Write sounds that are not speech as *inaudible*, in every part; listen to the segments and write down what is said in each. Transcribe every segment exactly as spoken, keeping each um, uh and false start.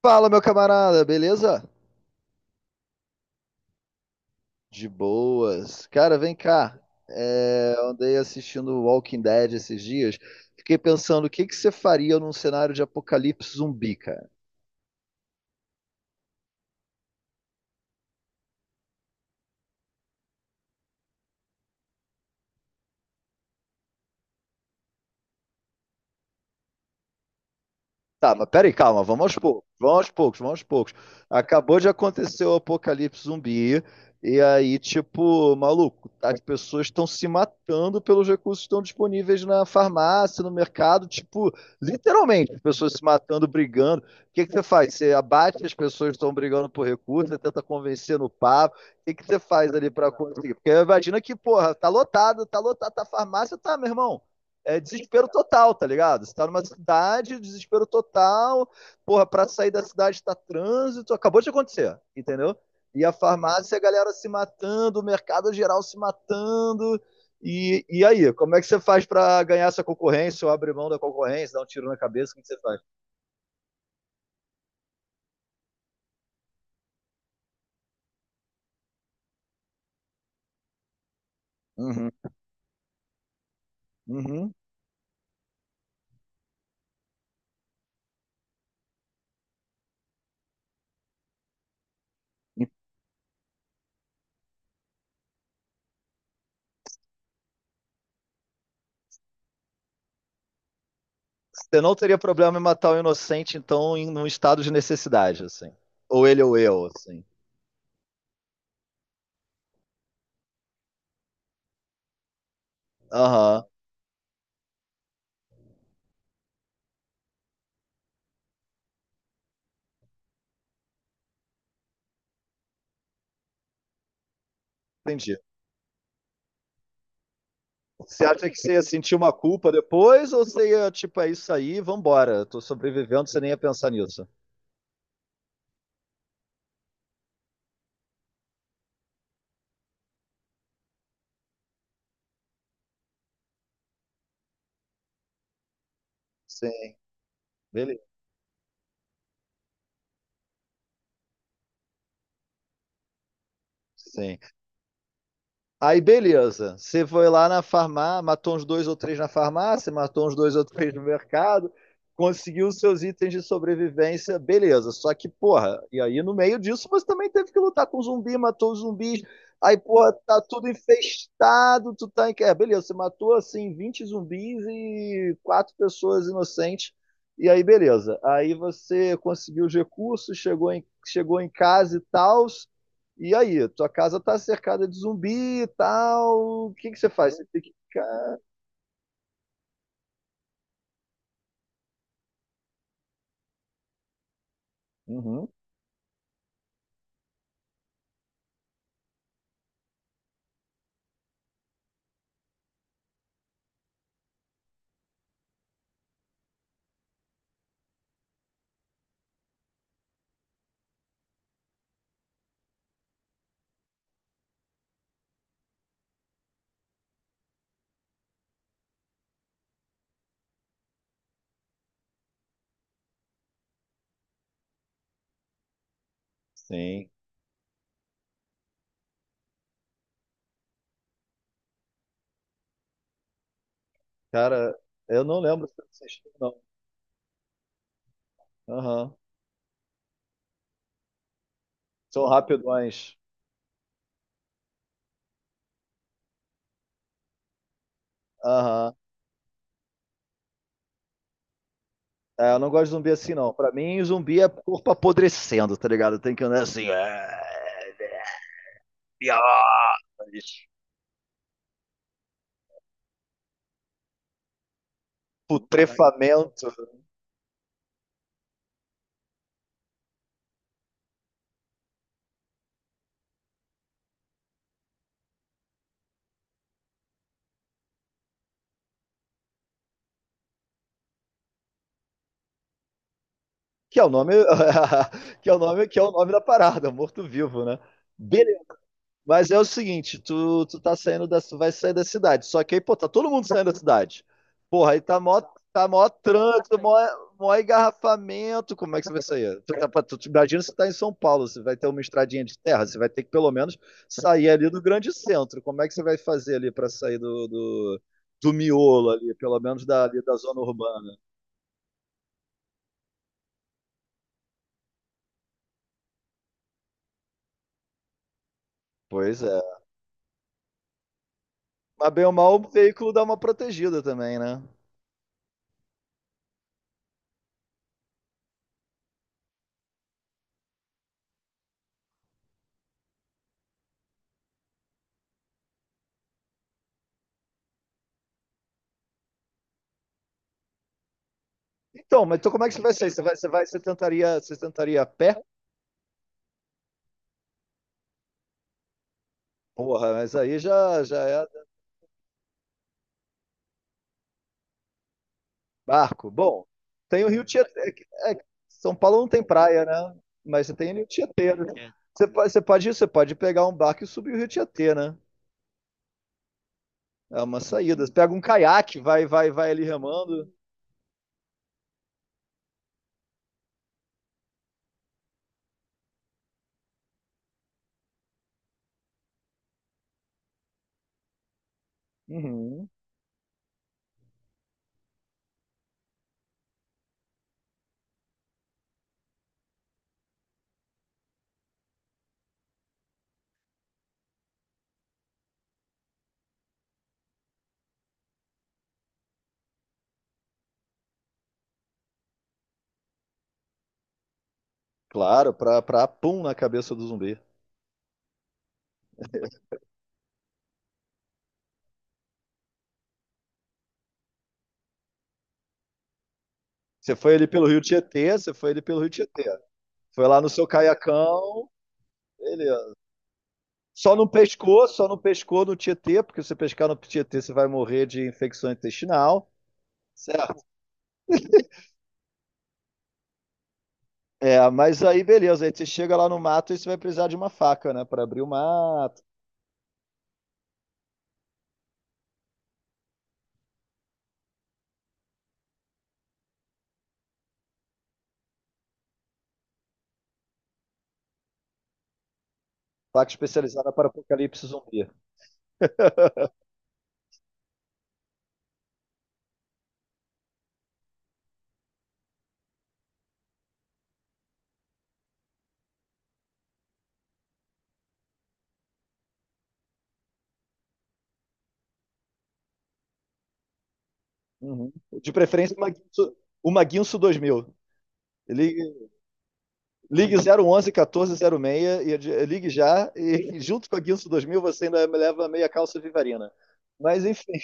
Fala, meu camarada, beleza? De boas. Cara, vem cá. É, eu andei assistindo Walking Dead esses dias. Fiquei pensando, o que que você faria num cenário de apocalipse zumbi? Tá, mas peraí, calma, vamos aos poucos, vamos aos poucos, vamos aos poucos. Acabou de acontecer o apocalipse zumbi, e aí, tipo, maluco, as pessoas estão se matando pelos recursos que estão disponíveis na farmácia, no mercado, tipo, literalmente, as pessoas se matando, brigando. O que que você faz? Você abate as pessoas que estão brigando por recursos, você tenta convencer no papo. O que que você faz ali pra conseguir? Porque imagina que, porra, tá lotado, tá lotado, tá farmácia, tá, meu irmão, é desespero total, tá ligado? Você tá numa cidade, desespero total, porra, pra sair da cidade tá trânsito, acabou de acontecer, entendeu? E a farmácia, a galera se matando, o mercado geral se matando. E, e aí, como é que você faz para ganhar essa concorrência ou abrir mão da concorrência, dar um tiro na cabeça? O que que você faz? Uhum, uhum. Você não teria problema em matar o um inocente, então, em um estado de necessidade, assim. Ou ele ou eu, assim. Aham, entendi. Você acha que você ia sentir uma culpa depois ou você ia, tipo, é isso aí, vambora, tô sobrevivendo, você nem ia pensar nisso? Sim, beleza. Sim. Aí beleza, você foi lá na farmácia, matou uns dois ou três na farmácia, matou uns dois ou três no mercado, conseguiu os seus itens de sobrevivência, beleza. Só que, porra, e aí no meio disso você também teve que lutar com zumbi, matou os zumbis, aí, porra, tá tudo infestado, tu tá em... É, beleza, você matou, assim, vinte zumbis e quatro pessoas inocentes, e aí beleza. Aí você conseguiu os recursos, chegou em, chegou em casa e tal, e aí, tua casa tá cercada de zumbi e tal. O que que você faz? Você tem que ficar. Uhum, sim. Cara, eu não lembro se eu assisti, não. Aham. São rapidões. Aham. É, eu não gosto de zumbi assim, não. Pra mim, zumbi é corpo apodrecendo, tá ligado? Tem que andar assim. é, Putrefamento. Que é o nome. *laughs* Que é o nome, que é o nome da parada, morto-vivo, né? Mas é o seguinte, tu, tu tá saindo da, tu vai sair da cidade. Só que aí, pô, tá todo mundo saindo da cidade. Porra, aí tá mó, tá mó trânsito, mó, mó engarrafamento. Como é que você vai sair? Tu, tá, pra- tu, tu- imagina se tá em São Paulo, você vai ter uma estradinha de terra, você vai ter que pelo menos sair ali do grande centro. Como é que você vai fazer ali pra sair do, do, do miolo ali, pelo menos da, ali da zona urbana? Pois é. Mas bem ou mal, o veículo dá uma protegida também, né? Então, mas então como é que você vai sair? Você vai, você vai, você tentaria, você tentaria a pé? Porra, mas aí já, já é barco. Bom, tem o Rio Tietê, é que- é que São Paulo não tem praia, né? Mas você tem o Rio Tietê, né? É. Você pode, você pode, você pode pegar um barco e subir o Rio Tietê, né? É uma saída. Você pega um caiaque, vai, vai, vai ali remando. Uhum. Claro, pra, pra pum na cabeça do zumbi. Você foi ali pelo Rio Tietê, você foi ali pelo Rio Tietê. Foi lá no seu caiacão, beleza. Só não pescou, só não pescou no Tietê, porque se você pescar no Tietê, você vai morrer de infecção intestinal. Certo? É, mas aí beleza, aí você chega lá no mato e você vai precisar de uma faca, né, para abrir o mato, faca especializada para apocalipse zumbi. Uhum. De preferência uma Guinso, uma Guinso dois mil. Ligue, ligue zero onze catorze zero seis e adi- ligue já e *laughs* junto com a Guinso dois mil você ainda me leva meia calça vivarina. Mas enfim,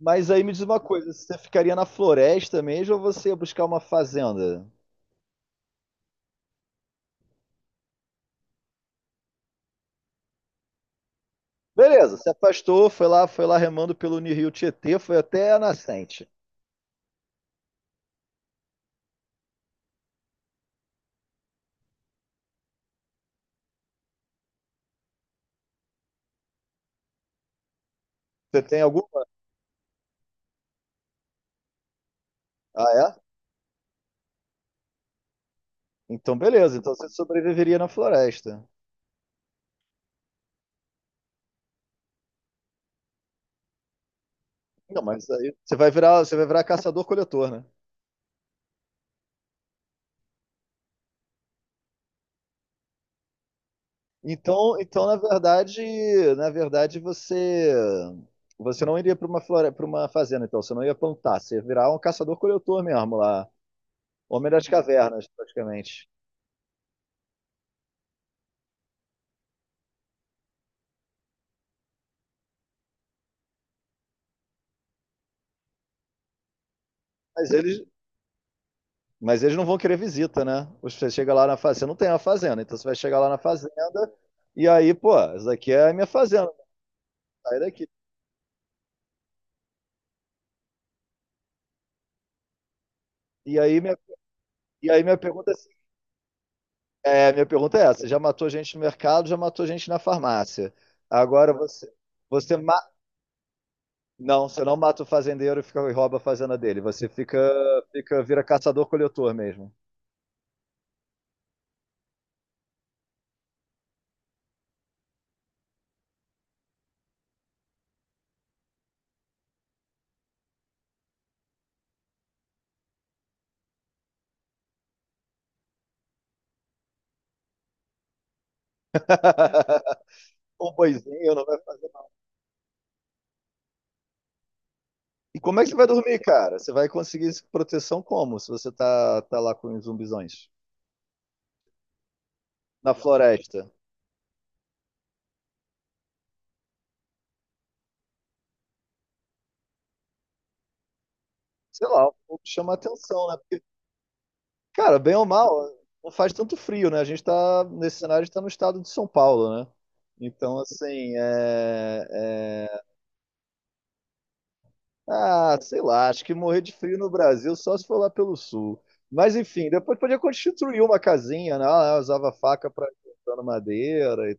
mas aí me diz uma coisa, você ficaria na floresta mesmo ou você ia buscar uma fazenda? Beleza, se afastou, foi lá, foi lá remando pelo Rio Tietê, foi até a nascente. Você tem alguma? Ah, é? Então, beleza. Então você sobreviveria na floresta. Não, mas aí você vai virar, você vai virar caçador-coletor, né? Então, então na verdade, na verdade você você não iria para uma flore, para uma fazenda, então você não ia plantar, você ia virar um caçador-coletor mesmo lá, homem das cavernas, praticamente. Mas eles, mas eles não vão querer visita, né? Você chega lá na fazenda, não tem uma fazenda, então você vai chegar lá na fazenda e aí, pô, essa daqui é a minha fazenda, sai daqui. E aí minha, e aí minha pergunta é assim. É, minha pergunta é essa: já matou gente no mercado, já matou gente na farmácia. Agora você, você ma- não, você não mata o fazendeiro e fica e rouba a fazenda dele. Você fica, fica, vira caçador-coletor mesmo. *laughs* Um boizinho não vai fazer. E como é que você vai dormir, cara? Você vai conseguir proteção como? Se você tá, tá lá com os zumbizões na floresta? Sei lá, o fogo chama atenção, né? Cara, bem ou mal, não faz tanto frio, né? A gente tá, nesse cenário, a gente tá no estado de São Paulo, né? Então, assim. é, é- Ah, sei lá, acho que morrer de frio no Brasil só se for lá pelo sul. Mas, enfim, depois podia construir uma casinha, né? Ah, usava faca pra cortando madeira e...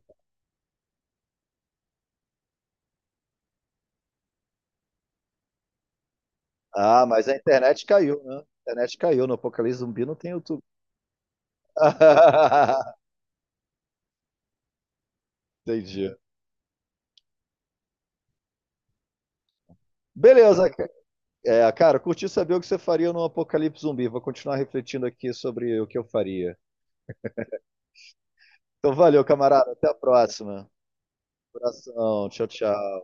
Ah, mas a internet caiu, né? A internet caiu, no Apocalipse Zumbi não tem YouTube. *laughs* Entendi. Beleza, ca- é, cara, curti saber o que você faria no Apocalipse Zumbi. Vou continuar refletindo aqui sobre o que eu faria. Então, valeu, camarada. Até a próxima. Coração. Tchau, tchau.